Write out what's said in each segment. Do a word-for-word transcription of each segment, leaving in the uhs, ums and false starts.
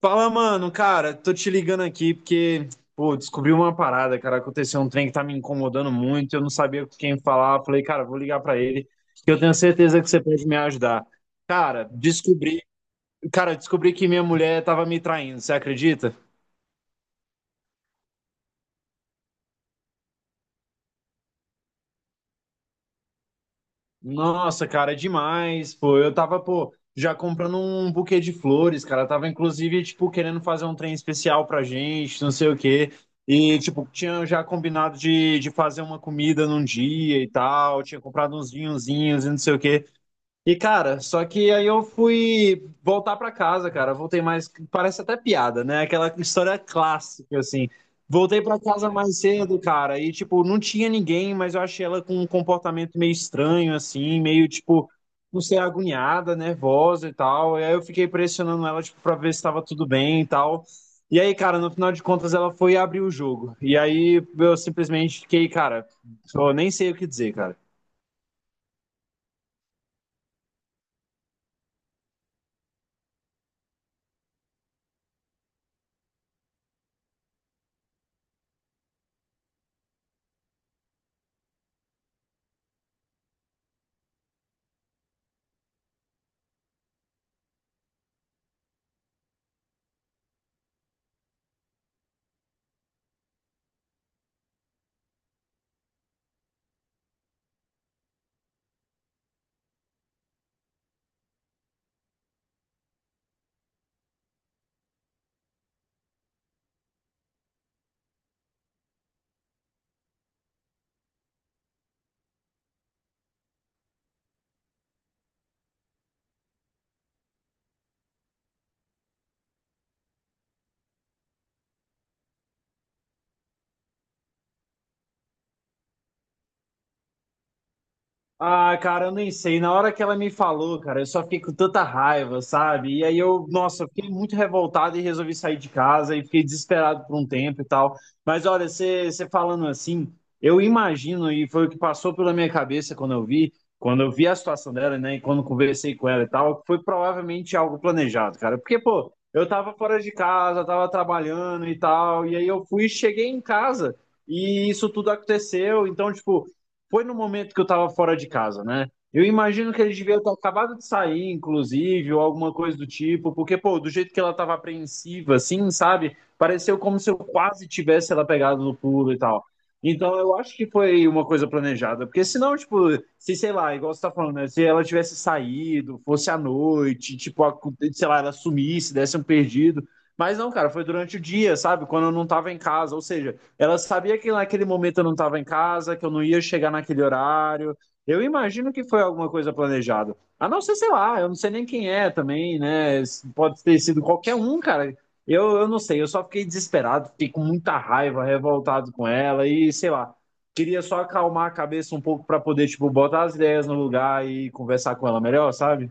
Fala, mano, cara, tô te ligando aqui porque, pô, descobri uma parada, cara, aconteceu um trem que tá me incomodando muito, eu não sabia com quem falar, falei, cara, vou ligar pra ele, que eu tenho certeza que você pode me ajudar. Cara, descobri, cara, descobri que minha mulher tava me traindo, você acredita? Nossa, cara, é demais, pô. Eu tava, pô, já comprando um buquê de flores, cara. Eu tava, inclusive, tipo, querendo fazer um trem especial pra gente, não sei o quê. E, tipo, tinha já combinado de, de fazer uma comida num dia e tal. Tinha comprado uns vinhozinhos e não sei o quê. E, cara, só que aí eu fui voltar pra casa, cara. Voltei mais. Parece até piada, né? Aquela história clássica, assim. Voltei pra casa mais cedo, cara. E, tipo, não tinha ninguém, mas eu achei ela com um comportamento meio estranho, assim, meio, tipo, não sei, agoniada, nervosa e tal. E aí eu fiquei pressionando ela, tipo, pra ver se tava tudo bem e tal. E aí, cara, no final de contas, ela foi abrir o jogo. E aí eu simplesmente fiquei, cara, eu nem sei o que dizer, cara. Ah, cara, eu nem sei. Na hora que ela me falou, cara, eu só fiquei com tanta raiva, sabe? E aí eu, nossa, eu fiquei muito revoltado e resolvi sair de casa e fiquei desesperado por um tempo e tal. Mas olha, você você falando assim, eu imagino, e foi o que passou pela minha cabeça quando eu vi, quando eu vi a situação dela, né, e quando conversei com ela e tal, foi provavelmente algo planejado, cara. Porque, pô, eu tava fora de casa, tava trabalhando e tal, e aí eu fui, cheguei em casa e isso tudo aconteceu. Então, tipo, foi no momento que eu tava fora de casa, né? Eu imagino que ele devia ter acabado de sair, inclusive, ou alguma coisa do tipo, porque, pô, do jeito que ela tava apreensiva, assim, sabe? Pareceu como se eu quase tivesse ela pegado no pulo e tal. Então, eu acho que foi uma coisa planejada, porque senão, tipo, se, sei lá, igual você tá falando, né? Se ela tivesse saído, fosse à noite, tipo, a- sei lá, ela sumisse, desse um perdido. Mas não, cara, foi durante o dia, sabe? Quando eu não tava em casa, ou seja. Ela sabia que naquele momento eu não estava em casa, que eu não ia chegar naquele horário. Eu imagino que foi alguma coisa planejada. A não ser, sei lá, eu não sei nem quem é também, né? Pode ter sido qualquer um, cara. Eu, eu não sei, eu só fiquei desesperado, fiquei com muita raiva, revoltado com ela e sei lá. Queria só acalmar a cabeça um pouco para poder, tipo, botar as ideias no lugar e conversar com ela melhor, sabe?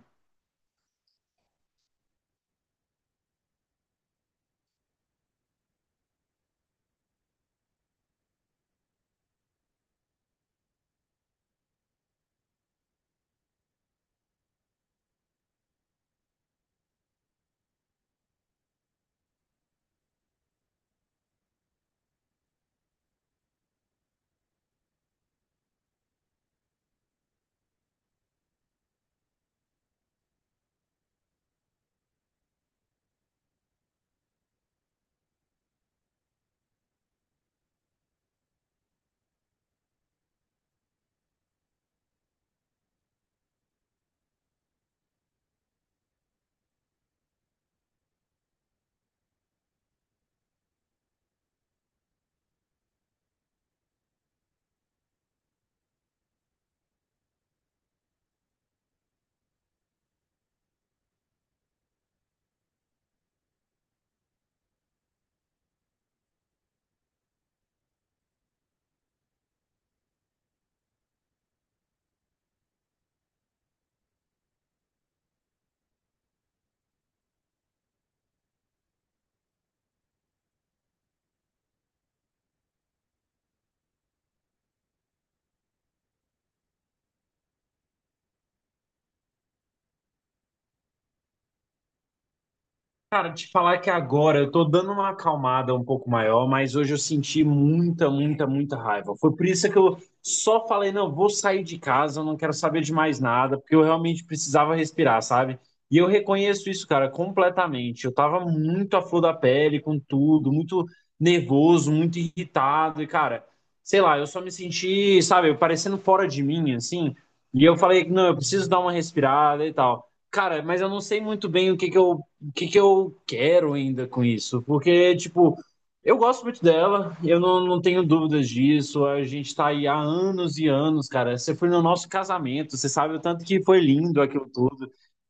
Cara, te falar que agora eu tô dando uma acalmada um pouco maior, mas hoje eu senti muita, muita, muita raiva. Foi por isso que eu só falei, não, eu vou sair de casa, eu não quero saber de mais nada, porque eu realmente precisava respirar, sabe? E eu reconheço isso, cara, completamente. Eu tava muito à flor da pele com tudo, muito nervoso, muito irritado, e cara, sei lá, eu só me senti, sabe, parecendo fora de mim, assim. E eu falei, não, eu preciso dar uma respirada e tal. Cara, mas eu não sei muito bem o que que eu o que, que eu quero ainda com isso? Porque, tipo, eu gosto muito dela, eu não, não tenho dúvidas disso. A gente tá aí há anos e anos, cara. Você foi no nosso casamento, você sabe o tanto que foi lindo aquilo tudo.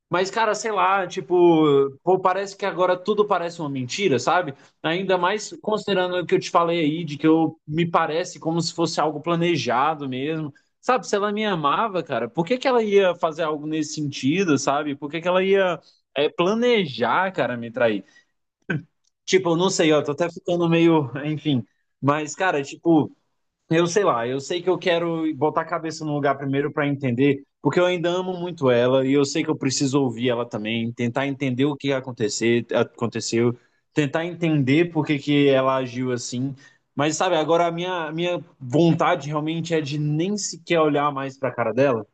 Mas, cara, sei lá, tipo, pô, parece que agora tudo parece uma mentira, sabe? Ainda mais considerando o que eu te falei aí, de que eu me parece como se fosse algo planejado mesmo. Sabe, se ela me amava, cara, por que que ela ia fazer algo nesse sentido, sabe? Por que que ela ia é, planejar, cara, me trair? Tipo, eu não sei, ó, tô até ficando meio, enfim. Mas, cara, tipo, eu sei lá, eu sei que eu quero botar a cabeça no lugar primeiro para entender, porque eu ainda amo muito ela e eu sei que eu preciso ouvir ela também, tentar entender o que acontecer, aconteceu, tentar entender por que que ela agiu assim. Mas sabe, agora a minha, a minha vontade realmente é de nem sequer olhar mais para a cara dela.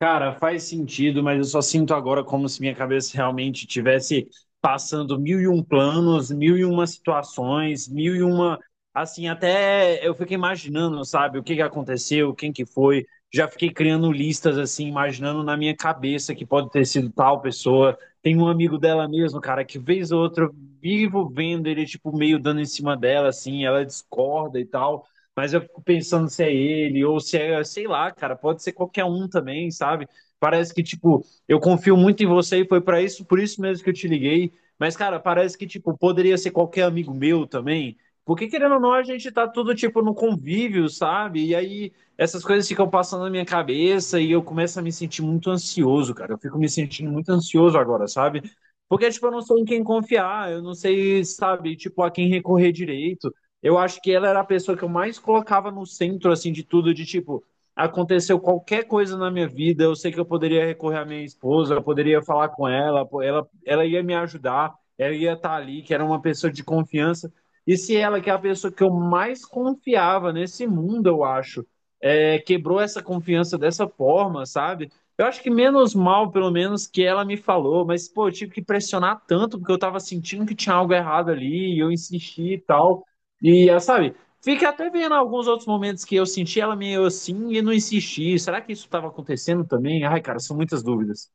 Cara, faz sentido, mas eu só sinto agora como se minha cabeça realmente tivesse passando mil e um planos, mil e uma situações, mil e uma. Assim, até eu fico imaginando, sabe, o que que aconteceu, quem que foi. Já fiquei criando listas, assim, imaginando na minha cabeça que pode ter sido tal pessoa. Tem um amigo dela mesmo, cara, que vez ou outra eu vivo vendo ele, tipo, meio dando em cima dela, assim, ela discorda e tal. Mas eu fico pensando se é ele ou se é, sei lá, cara, pode ser qualquer um também, sabe? Parece que, tipo, eu confio muito em você e foi pra isso, por isso mesmo que eu te liguei. Mas, cara, parece que, tipo, poderia ser qualquer amigo meu também. Porque, querendo ou não, a gente tá tudo, tipo, no convívio, sabe? E aí essas coisas ficam passando na minha cabeça e eu começo a me sentir muito ansioso, cara. Eu fico me sentindo muito ansioso agora, sabe? Porque, tipo, eu não sou em quem confiar, eu não sei, sabe, tipo, a quem recorrer direito. Eu acho que ela era a pessoa que eu mais colocava no centro, assim, de tudo, de tipo, aconteceu qualquer coisa na minha vida, eu sei que eu poderia recorrer à minha esposa, eu poderia falar com ela, pô, ela, ela ia me ajudar, ela ia estar ali, que era uma pessoa de confiança. E se ela, que é a pessoa que eu mais confiava nesse mundo, eu acho, é, quebrou essa confiança dessa forma, sabe? Eu acho que menos mal, pelo menos, que ela me falou, mas, pô, eu tive que pressionar tanto, porque eu tava sentindo que tinha algo errado ali, e eu insisti e tal. E ela, sabe, fica até vendo alguns outros momentos que eu senti ela meio assim e não insisti. Será que isso estava acontecendo também? Ai, cara, são muitas dúvidas.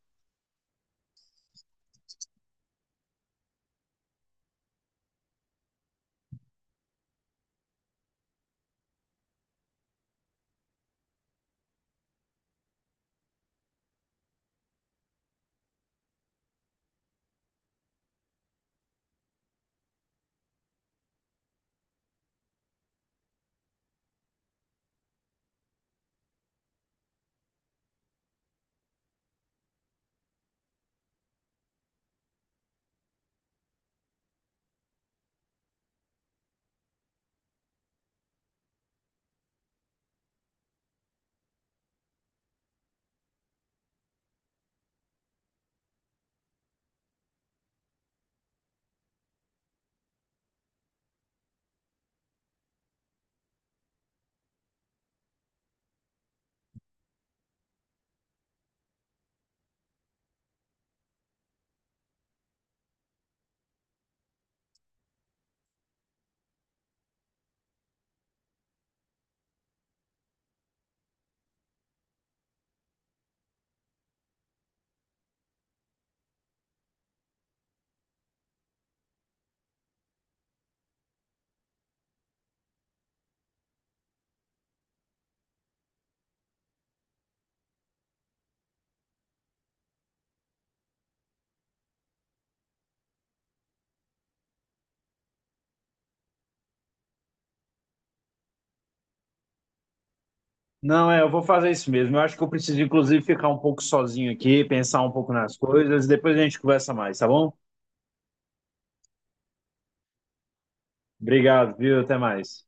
Não, é, eu vou fazer isso mesmo. Eu acho que eu preciso, inclusive, ficar um pouco sozinho aqui, pensar um pouco nas coisas, e depois a gente conversa mais, tá bom? Obrigado, viu? Até mais.